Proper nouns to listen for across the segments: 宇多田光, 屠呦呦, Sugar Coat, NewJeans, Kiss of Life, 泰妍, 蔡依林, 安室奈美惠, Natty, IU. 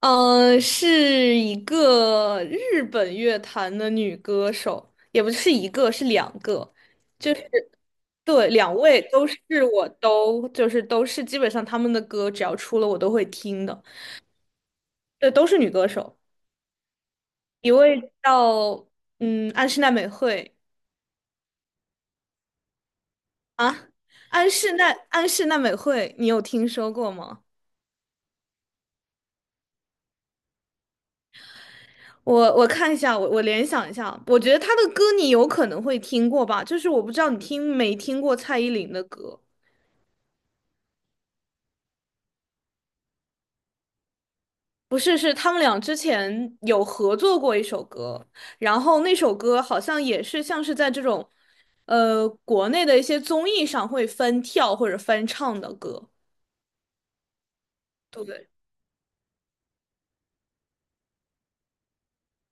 是一个日本乐坛的女歌手，也不是一个，是两个，就是对，两位都是。我都就是都是基本上他们的歌只要出了我都会听的，对，都是女歌手。一位叫安室奈美惠。啊，安室奈美惠，你有听说过吗？我看一下，我联想一下，我觉得她的歌你有可能会听过吧，就是我不知道你听没听过蔡依林的歌。不是，是他们俩之前有合作过一首歌，然后那首歌好像也是像是在这种，国内的一些综艺上会翻跳或者翻唱的歌。对，对，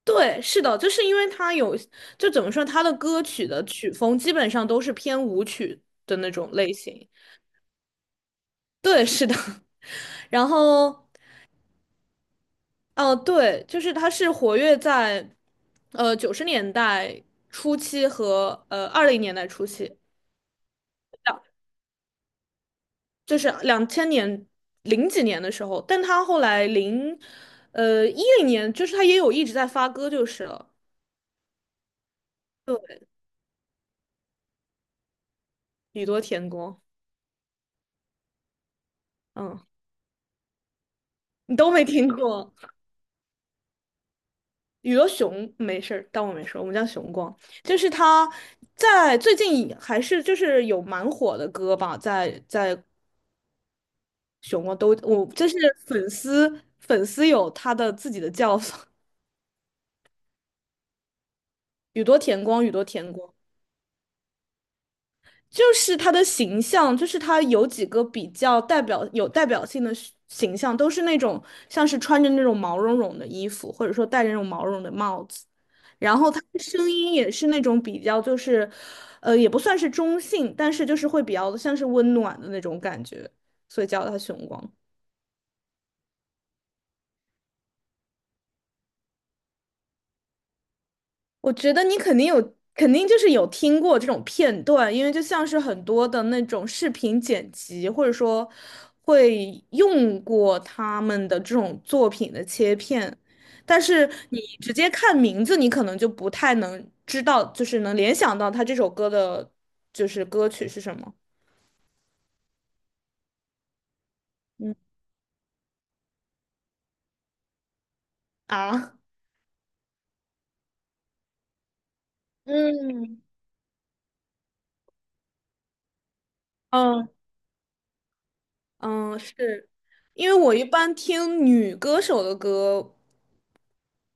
对，是的，就是因为他有，就怎么说，他的歌曲的曲风基本上都是偏舞曲的那种类型。对，是的。然后，哦，对，就是他是活跃在，90年代初期和20年代初期。就是2000年零几年的时候，但他后来零10年，就是他也有一直在发歌就是了。宇多田光。嗯，你都没听过。宇多雄没事儿，当我没说，我们叫雄光。就是他在最近还是就是有蛮火的歌吧，在雄光都我就是粉丝有他的自己的叫法，宇多田光，宇多田光。就是他的形象，就是他有几个比较代表有代表性的是形象，都是那种像是穿着那种毛茸茸的衣服，或者说戴着那种毛茸的帽子，然后他的声音也是那种比较就是，也不算是中性，但是就是会比较像是温暖的那种感觉，所以叫他熊光。我觉得你肯定有，肯定就是有听过这种片段，因为就像是很多的那种视频剪辑，或者说会用过他们的这种作品的切片，但是你直接看名字，你可能就不太能知道，就是能联想到他这首歌的，就是歌曲是什么。嗯啊，嗯，嗯。嗯，是因为我一般听女歌手的歌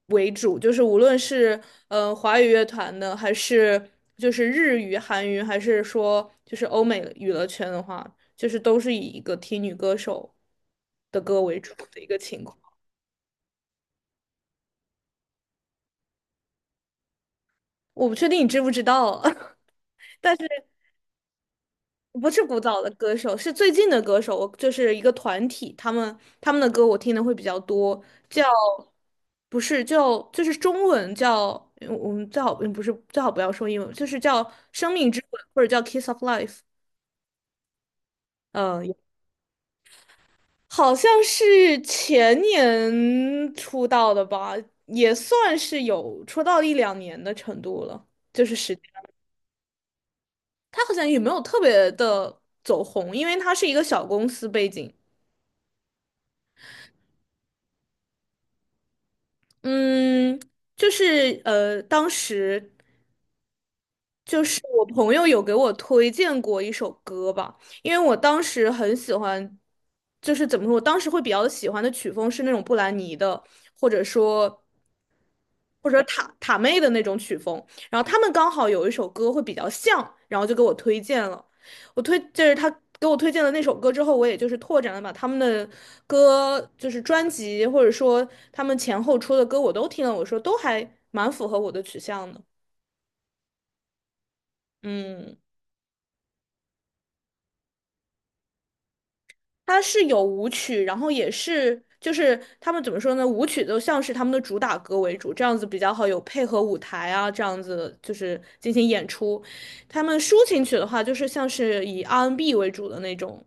为主，就是无论是华语乐团的，还是就是日语、韩语，还是说就是欧美娱乐圈的话，就是都是以一个听女歌手的歌为主的一个情况。我不确定你知不知道啊，但是。不是古早的歌手，是最近的歌手，我就是一个团体，他们的歌我听的会比较多。叫不是叫就是中文叫我们最好不是最好不要说英文，就是叫《生命之吻》或者叫《Kiss of Life》。嗯，好像是前年出道的吧，也算是有出道一两年的程度了，就是时间。他好像也没有特别的走红，因为他是一个小公司背景。嗯，就是当时就是我朋友有给我推荐过一首歌吧，因为我当时很喜欢，就是怎么说，我当时会比较喜欢的曲风是那种布兰妮的，或者说。或者塔塔妹的那种曲风，然后他们刚好有一首歌会比较像，然后就给我推荐了。我推就是他给我推荐的那首歌之后，我也就是拓展了把他们的歌，就是专辑或者说他们前后出的歌我都听了，我说都还蛮符合我的取向的。嗯。它是有舞曲，然后也是就是他们怎么说呢？舞曲都像是他们的主打歌为主，这样子比较好，有配合舞台啊，这样子就是进行演出。他们抒情曲的话，就是像是以 R&B n 为主的那种。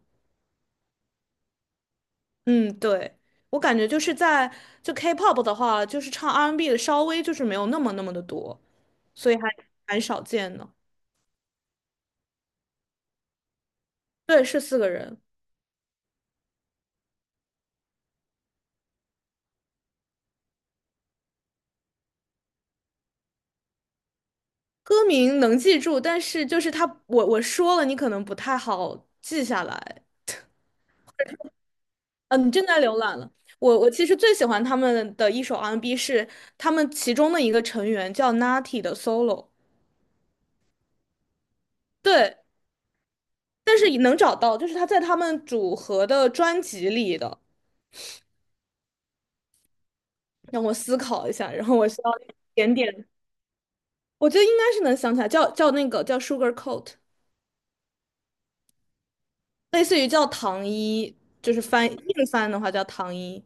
嗯，对，我感觉就是在就 K-pop 的话，就是唱 R&B n 的稍微就是没有那么的多，所以还蛮少见的。对，是四个人。歌名能记住，但是就是他，我说了，你可能不太好记下来。嗯，你正在浏览了。我其实最喜欢他们的一首 R&B n 是他们其中的一个成员叫 Natty 的 solo。对，但是也能找到，就是他在他们组合的专辑里的。让我思考一下，然后我需要一点点。我觉得应该是能想起来，叫那个叫 Sugar Coat,类似于叫糖衣，就是翻硬翻的话叫糖衣。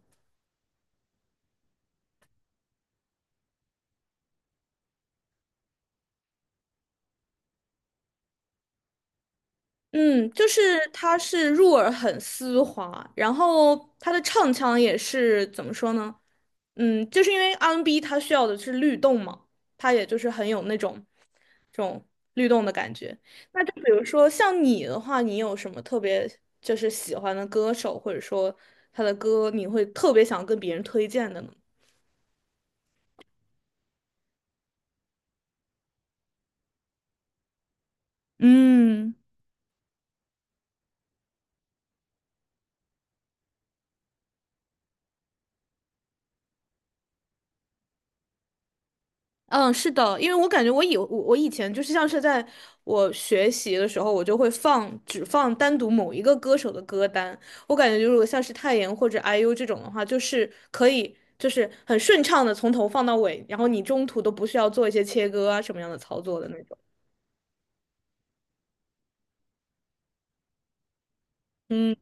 嗯，就是它是入耳很丝滑，然后它的唱腔也是怎么说呢？嗯，就是因为 R&B n 它需要的是律动嘛，它也就是很有那种这种律动的感觉。那就比如说像你的话，你有什么特别就是喜欢的歌手，或者说他的歌你会特别想跟别人推荐的呢？嗯。嗯，是的，因为我感觉我以前就是像是在我学习的时候，我就会放只放单独某一个歌手的歌单。我感觉如果像是泰妍或者 IU 这种的话，就是可以就是很顺畅的从头放到尾，然后你中途都不需要做一些切割啊什么样的操作的那种。嗯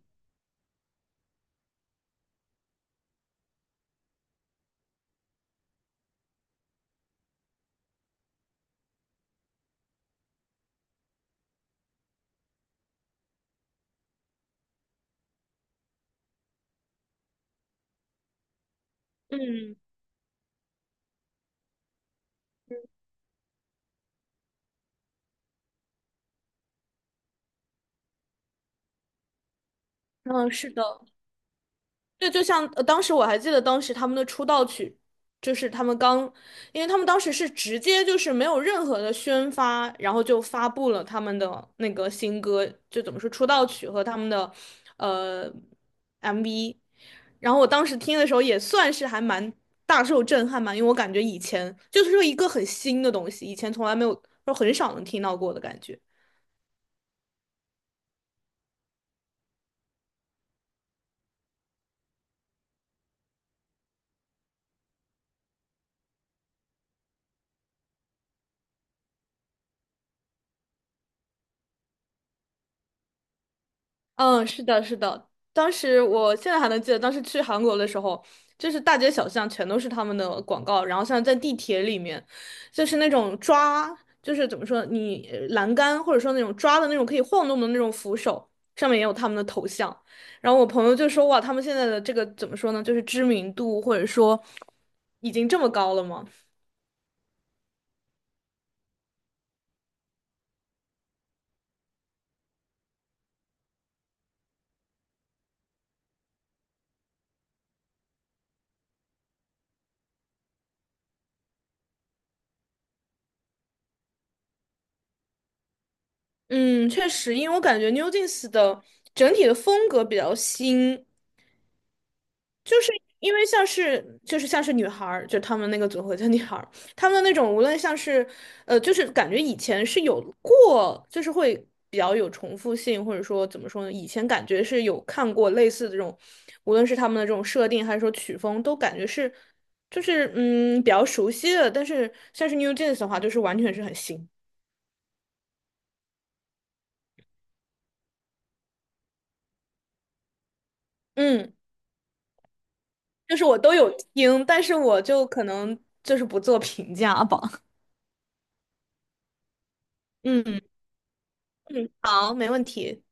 嗯，嗯，是的。对，就像当时我还记得当时他们的出道曲，就是他们刚，因为他们当时是直接就是没有任何的宣发，然后就发布了他们的那个新歌，就怎么说出道曲和他们的呃 MV。然后我当时听的时候也算是还蛮大受震撼吧，因为我感觉以前就是说一个很新的东西，以前从来没有，说很少能听到过的感觉。嗯，是的，是的。当时我现在还能记得，当时去韩国的时候，就是大街小巷全都是他们的广告，然后像在地铁里面，就是那种抓，就是怎么说，你栏杆或者说那种抓的那种可以晃动的那种扶手，上面也有他们的头像。然后我朋友就说，哇，他们现在的这个怎么说呢，就是知名度或者说已经这么高了吗？嗯，确实，因为我感觉 NewJeans 的整体的风格比较新，就是因为像是就是像是女孩儿，就他们那个组合叫女孩儿，他们那种无论像是就是感觉以前是有过，就是会比较有重复性，或者说怎么说呢？以前感觉是有看过类似的这种，无论是他们的这种设定还是说曲风，都感觉是就是比较熟悉的。但是像是 New Jeans 的话，就是完全是很新。嗯，就是我都有听，但是我就可能就是不做评价吧。嗯嗯，好，没问题。